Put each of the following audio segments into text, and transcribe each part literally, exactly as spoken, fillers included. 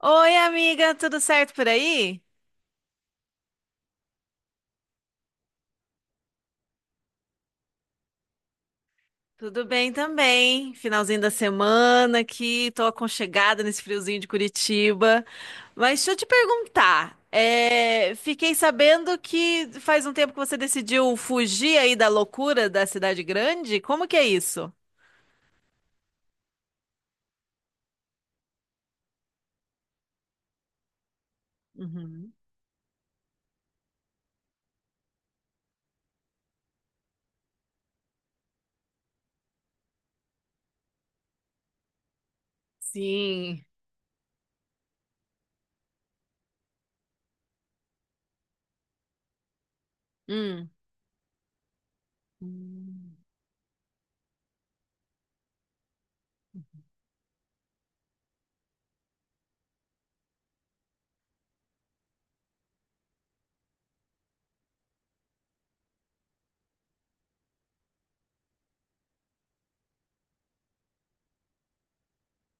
Oi, amiga, tudo certo por aí? Tudo bem também. Finalzinho da semana aqui, tô aconchegada nesse friozinho de Curitiba. Mas deixa eu te perguntar, é, fiquei sabendo que faz um tempo que você decidiu fugir aí da loucura da cidade grande. Como que é isso? Uhum. Sim. Hum. Hum.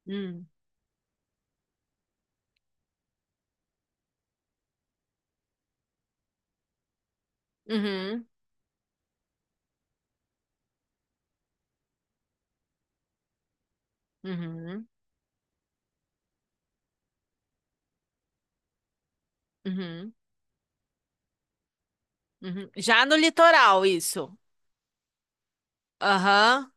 Hum. Uhum. Uhum. Uhum. Uhum. Já no litoral, isso. Aham.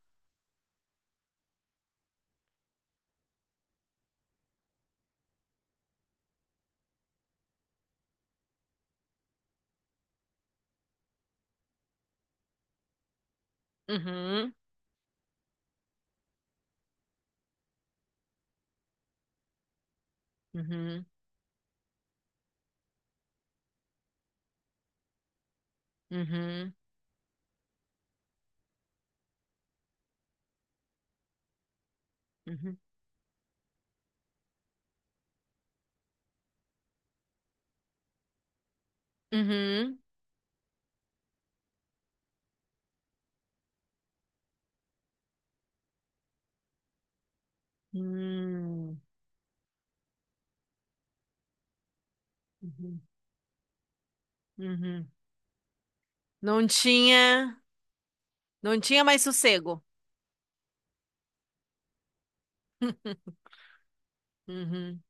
Uhum. Uhum. Uhum. Uhum. Uhum. Hum. Uhum. Uhum. Não tinha, não tinha mais sossego. Uhum.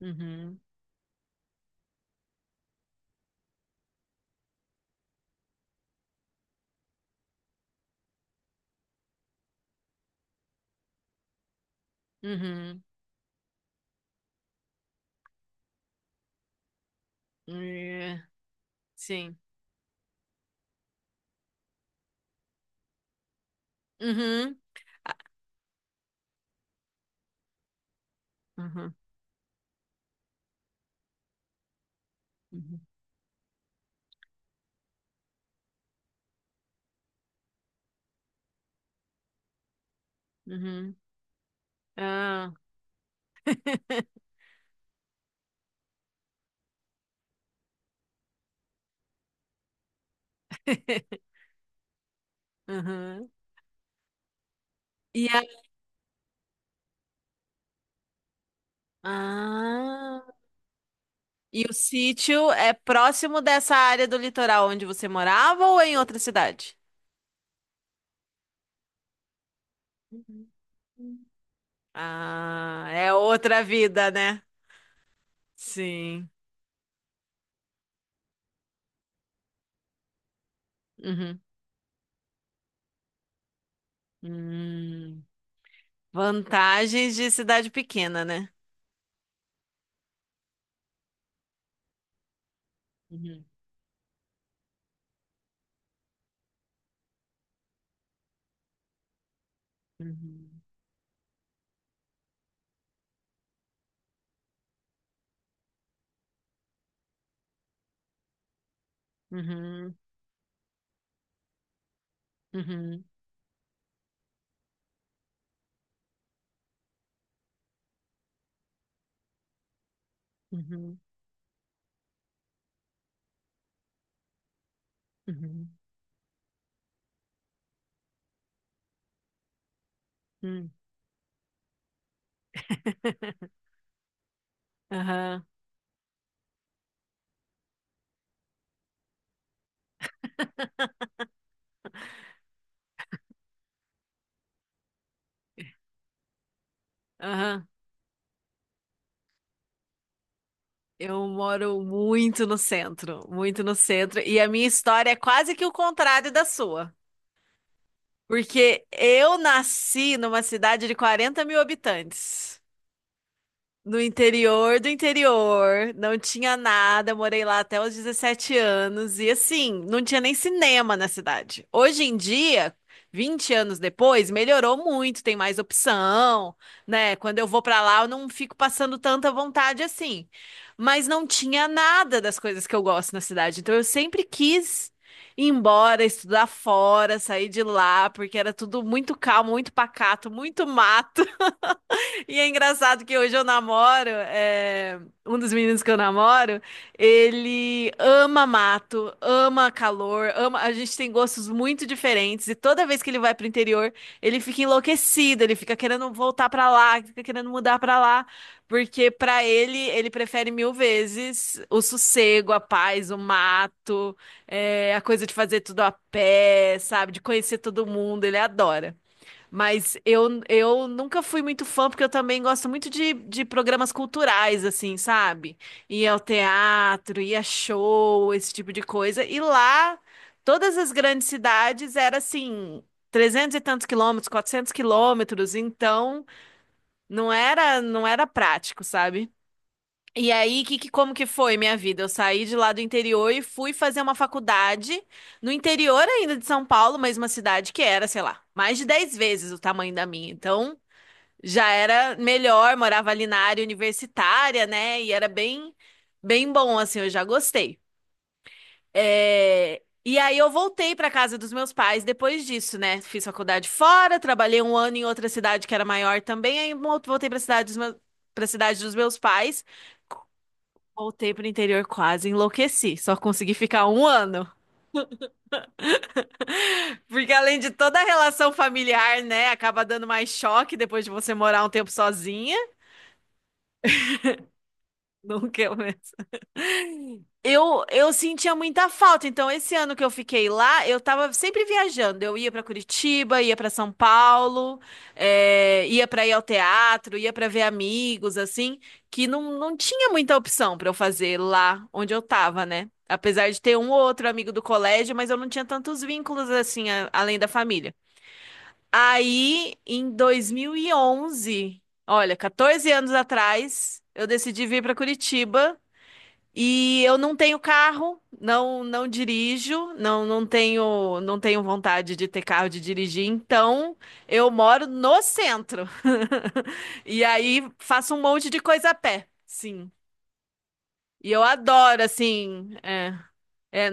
Uhum. Uhum. É, sim. Uhum. Uhum. Uhum. Uhum. Ah. Uhum. E a... Ah. E o sítio é próximo dessa área do litoral onde você morava ou é em outra cidade? Uhum. Ah, é outra vida, né? Sim. Uhum. Hum. Vantagens de cidade pequena, né? Uhum, uhum, uhum, uhum, uhum, uhum, uhum. Aham, aham. Eu moro muito no centro, muito no centro, e a minha história é quase que o contrário da sua, porque eu nasci numa cidade de 40 mil habitantes. No interior do interior, não tinha nada. Eu morei lá até os dezessete anos e assim, não tinha nem cinema na cidade. Hoje em dia, vinte anos depois, melhorou muito, tem mais opção, né? Quando eu vou pra lá, eu não fico passando tanta vontade assim. Mas não tinha nada das coisas que eu gosto na cidade. Então eu sempre quis ir embora, estudar fora, sair de lá, porque era tudo muito calmo, muito pacato, muito mato. E é engraçado que hoje eu namoro, é, um dos meninos que eu namoro, ele ama mato, ama calor, ama. A gente tem gostos muito diferentes e toda vez que ele vai pro interior, ele fica enlouquecido, ele fica querendo voltar pra lá, fica querendo mudar pra lá, porque pra ele ele prefere mil vezes o sossego, a paz, o mato, é, a coisa de fazer tudo a pé, sabe, de conhecer todo mundo, ele adora. Mas eu, eu nunca fui muito fã, porque eu também gosto muito de, de programas culturais, assim, sabe? Ir ao teatro, ir a show, esse tipo de coisa. E lá, todas as grandes cidades era assim, trezentos e tantos quilômetros, quatrocentos quilômetros. Então, não era, não era prático, sabe? E aí, que, que- como que foi minha vida? Eu saí de lá do interior e fui fazer uma faculdade no interior ainda de São Paulo, mas uma cidade que era, sei lá, mais de dez vezes o tamanho da minha. Então, já era melhor, morava ali na área universitária, né? E era bem, bem bom, assim, eu já gostei. É. E aí eu voltei para casa dos meus pais depois disso, né? Fiz faculdade fora, trabalhei um ano em outra cidade que era maior também, aí mo- voltei para cidade dos meus, para cidade dos meus pais. Voltei pro interior quase enlouqueci. Só consegui ficar um ano. Porque além de toda a relação familiar, né? Acaba dando mais choque depois de você morar um tempo sozinha. Não que eu, né? Eu, eu sentia muita falta. Então, esse ano que eu fiquei lá, eu tava sempre viajando. Eu ia pra Curitiba, ia pra São Paulo, eh, ia pra ir ao teatro, ia pra ver amigos, assim, que não, não tinha muita opção pra eu fazer lá onde eu tava, né? Apesar de ter um ou outro amigo do colégio, mas eu não tinha tantos vínculos assim, a- além da família. Aí, em dois mil e onze, olha, catorze anos atrás, eu decidi vir para Curitiba. E eu não tenho carro, não não dirijo, não não tenho não tenho vontade de ter carro de dirigir, então eu moro no centro. E aí faço um monte de coisa a pé, sim. E eu adoro assim, é, é,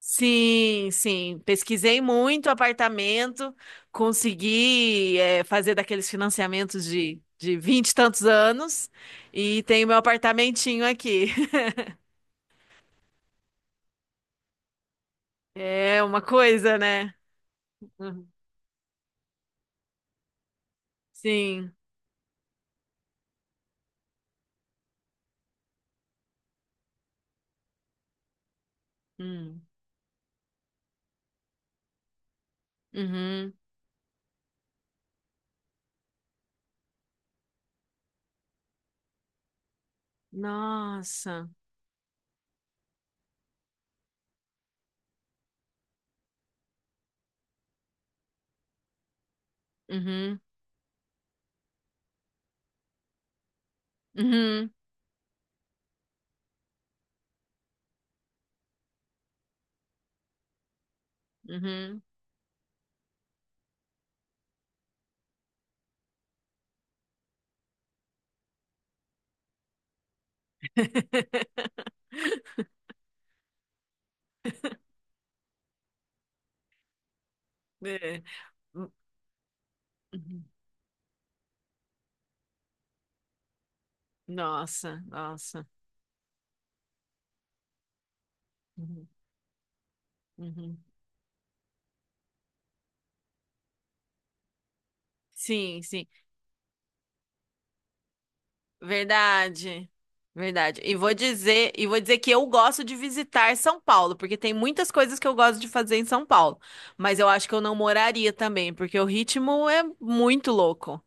sim, sim. Pesquisei muito apartamento, consegui é, fazer daqueles financiamentos de de vinte e tantos anos e tenho meu apartamentinho aqui. É uma coisa, né? Uhum. Sim. Hum. Uhum. Nossa. Uhum. Uhum. Uhum. É. Hum, uhum. Nossa, nossa. Uhum. Uhum. Sim, sim. Verdade. Verdade. E vou dizer, e vou dizer que eu gosto de visitar São Paulo, porque tem muitas coisas que eu gosto de fazer em São Paulo, mas eu acho que eu não moraria também, porque o ritmo é muito louco.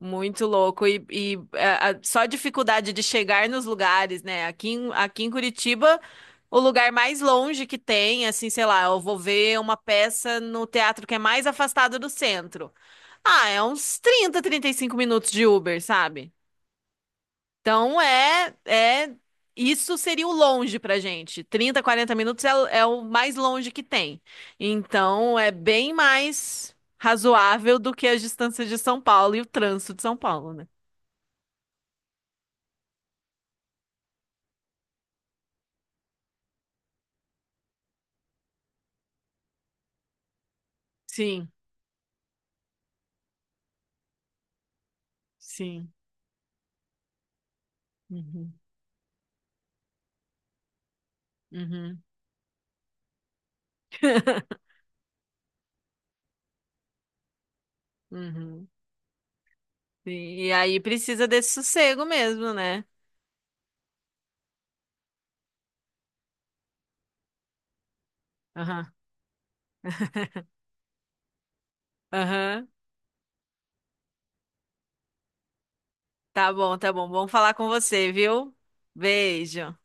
Muito louco. E, e, é, a- só a dificuldade de chegar nos lugares, né? Aqui, em- aqui em Curitiba, o lugar mais longe que tem, assim, sei lá, eu vou ver uma peça no teatro que é mais afastado do centro. Ah, é uns trinta, trinta e cinco minutos de Uber, sabe? Então é, é, isso seria o longe pra gente. Trinta, quarenta minutos é, o- é o mais longe que tem. Então é bem mais razoável do que as distâncias de São Paulo e o trânsito de São Paulo, né? Sim, sim. Uhum, uhum. Uhum. Sim. E aí precisa desse sossego mesmo, né? Aham. Aham. Tá bom, tá bom. Vamos falar com você, viu? Beijo.